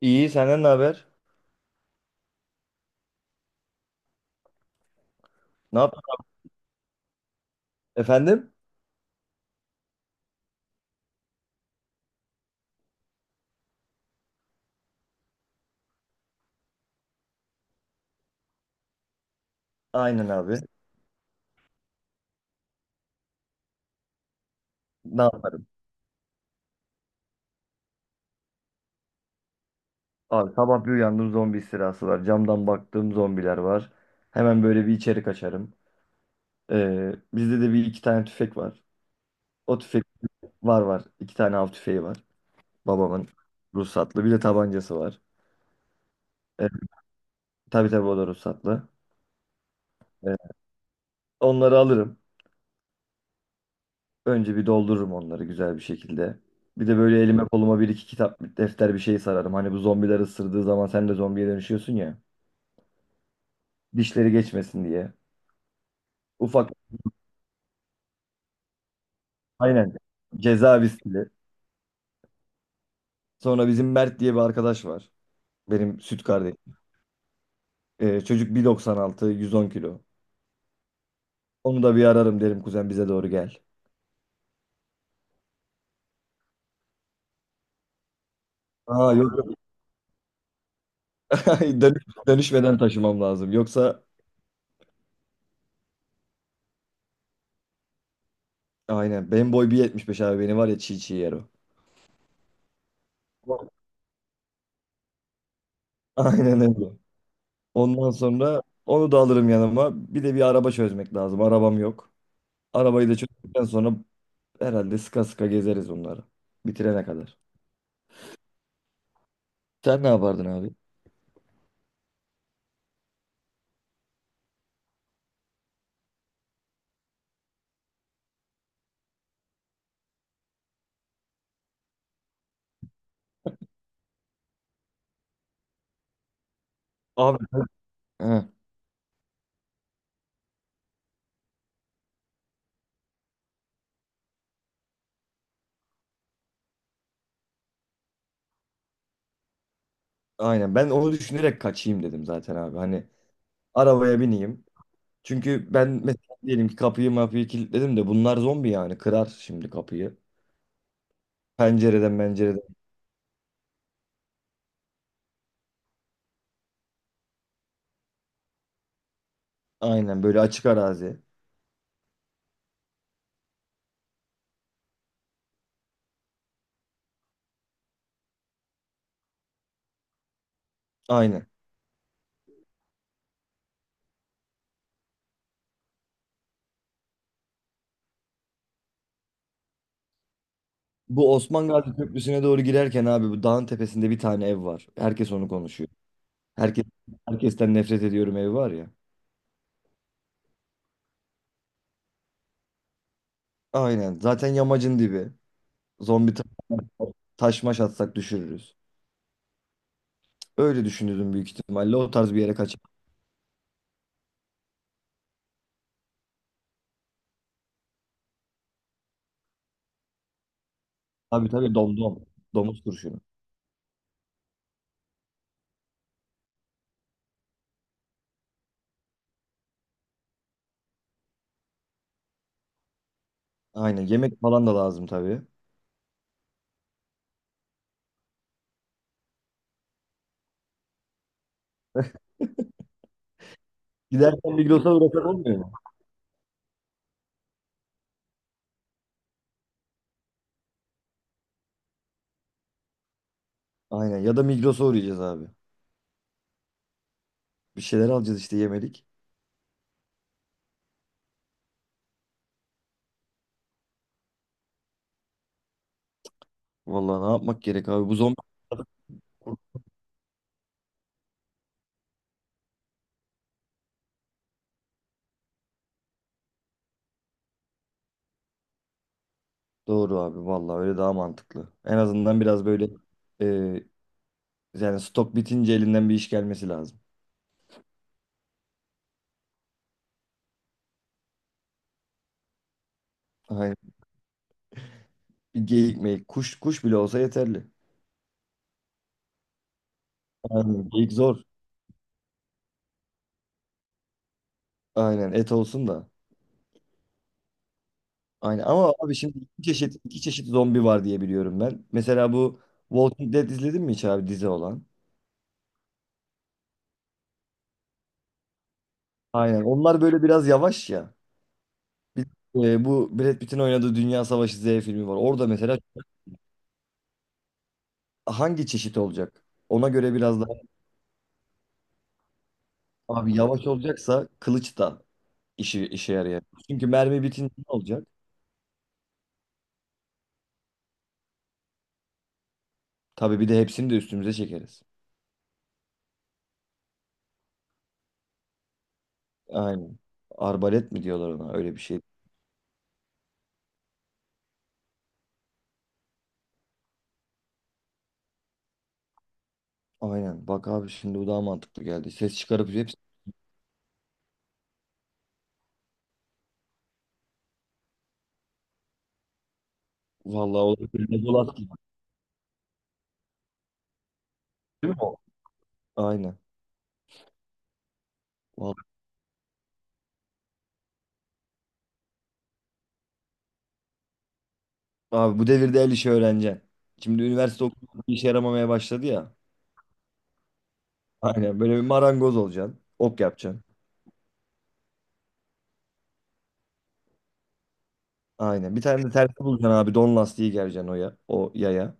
İyi, senden ne haber? Ne yap? Efendim? Aynen abi. Ne yaparım? Abi sabah bir uyandım, zombi istilası var. Camdan baktığım zombiler var. Hemen böyle bir içeri kaçarım. Bizde de bir iki tane tüfek var. O tüfek var. İki tane av tüfeği var. Babamın ruhsatlı. Bir de tabancası var. Ee, tabii tabii o da ruhsatlı. Ee, Onları alırım. Önce bir doldururum onları güzel bir şekilde. Bir de böyle elime koluma bir iki kitap, defter bir şey sararım. Hani bu zombiler ısırdığı zaman sen de zombiye dönüşüyorsun ya. Dişleri geçmesin diye. Ufak aynen ceza viskili. Sonra bizim Mert diye bir arkadaş var. Benim süt kardeşim. Çocuk 1.96 110 kilo. Onu da bir ararım, derim kuzen bize doğru gel. Aa, yok yok. Dönüşmeden taşımam lazım. Yoksa aynen benim boy 1.75 abi, beni var ya çiğ çiğ yer o. Aynen öyle. Ondan sonra onu da alırım yanıma. Bir de bir araba çözmek lazım. Arabam yok. Arabayı da çözdükten sonra herhalde sıka sıka gezeriz onları. Bitirene kadar. Sen ne yapardın abi? Abi, heh, aynen ben onu düşünerek kaçayım dedim zaten abi. Hani arabaya bineyim. Çünkü ben mesela diyelim ki kapıyı mapıyı kilitledim de bunlar zombi yani kırar şimdi kapıyı. Pencereden. Aynen böyle açık arazi. Aynen. Bu Osman Gazi Köprüsü'ne doğru girerken abi bu dağın tepesinde bir tane ev var. Herkes onu konuşuyor. Herkes herkesten nefret ediyorum evi var ya. Aynen. Zaten yamacın dibi. Zombi taş maş atsak düşürürüz. Öyle düşünüyordum büyük ihtimalle. O tarz bir yere kaçar. Tabii tabii, domdom. Domuz kurşunu. Aynen. Yemek falan da lazım tabii. Giderken Migros'a uğrasak olmuyor mu? Aynen. Ya da Migros'a uğrayacağız abi. Bir şeyler alacağız işte, yemedik. Vallahi ne yapmak gerek abi? Bu zombi... Doğru abi. Vallahi öyle daha mantıklı. En azından biraz böyle, e, yani stok bitince elinden bir iş gelmesi lazım. Aynen. Bir geyik meyik. Kuş bile olsa yeterli. Aynen. Geyik zor. Aynen. Et olsun da. Aynen ama abi şimdi iki çeşit zombi var diye biliyorum ben. Mesela bu Walking Dead izledin mi hiç abi, dizi olan? Aynen. Onlar böyle biraz yavaş ya. Bir, bu Brad Pitt'in oynadığı Dünya Savaşı Z filmi var. Orada mesela hangi çeşit olacak? Ona göre biraz daha abi yavaş olacaksa kılıç da işi işe yarayacak. Çünkü mermi bitince ne olacak? Tabii bir de hepsini de üstümüze çekeriz. Aynen. Arbalet mi diyorlar ona, öyle bir şey. Aynen. Bak abi şimdi bu daha mantıklı geldi. Ses çıkarıp hepsi... Vallahi olabilir. Değil mi o? Aynen. Vallahi. Abi bu devirde el işi öğreneceksin. Şimdi üniversite okumak bir işe yaramamaya başladı ya. Aynen böyle bir marangoz olacaksın. Ok yapacaksın. Aynen. Bir tane de tersi bulacaksın abi. Don lastiği gereceksin o, ya, o yaya.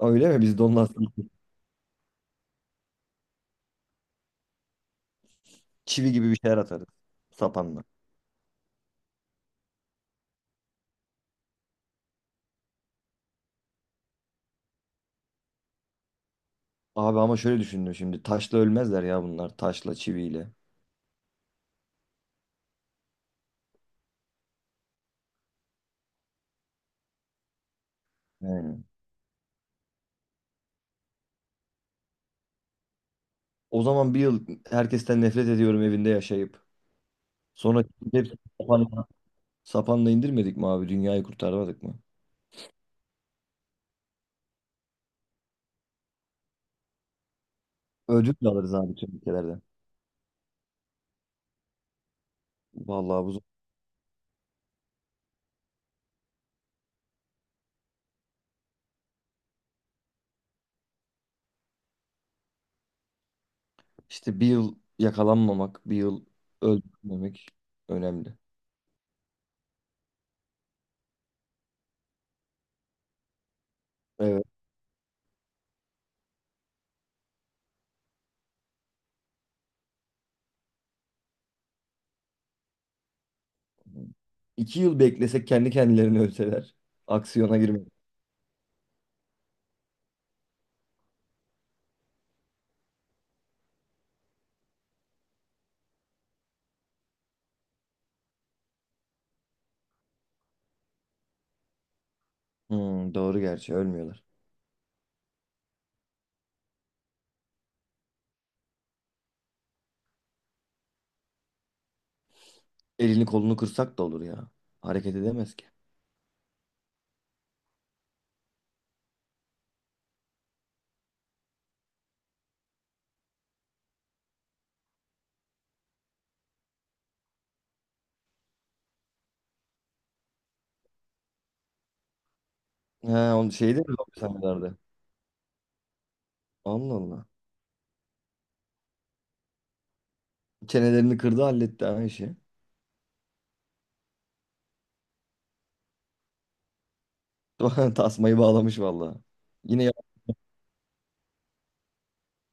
Öyle mi? Biz don lastiği çivi gibi bir şeyler atarız. Sapanla. Abi ama şöyle düşündüm şimdi. Taşla ölmezler ya bunlar. Taşla, çiviyle. Aynen. O zaman bir yıl herkesten nefret ediyorum evinde yaşayıp. Sonra hepsini sapanla, sapanla indirmedik mi abi? Dünyayı kurtarmadık mı? Ödül de alırız abi tüm ülkelerden. Vallahi bu zor. İşte bir yıl yakalanmamak, bir yıl öldürmemek önemli. Evet. İki yıl beklesek kendi kendilerini ölseler. Aksiyona girmek. Hmm, doğru, gerçi ölmüyorlar. Elini kolunu kırsak da olur ya. Hareket edemez ki. He, onu şeyde mi zombi sahnelerde? Allah Allah. Çenelerini kırdı, halletti ha işi. Tasmayı bağlamış vallahi. Yine ya,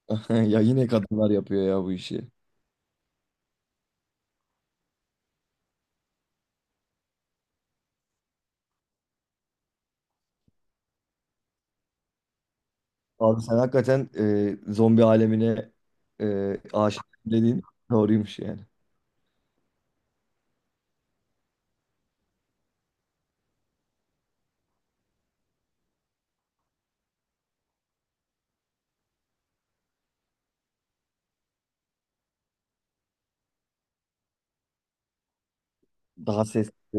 ya yine kadınlar yapıyor ya bu işi. Abi sen hakikaten zombi alemine aşık dediğin doğruymuş yani. Daha sesli.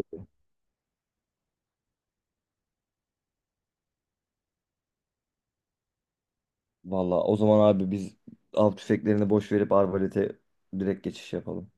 Valla o zaman abi biz av tüfeklerini boş verip arbalete direkt geçiş yapalım.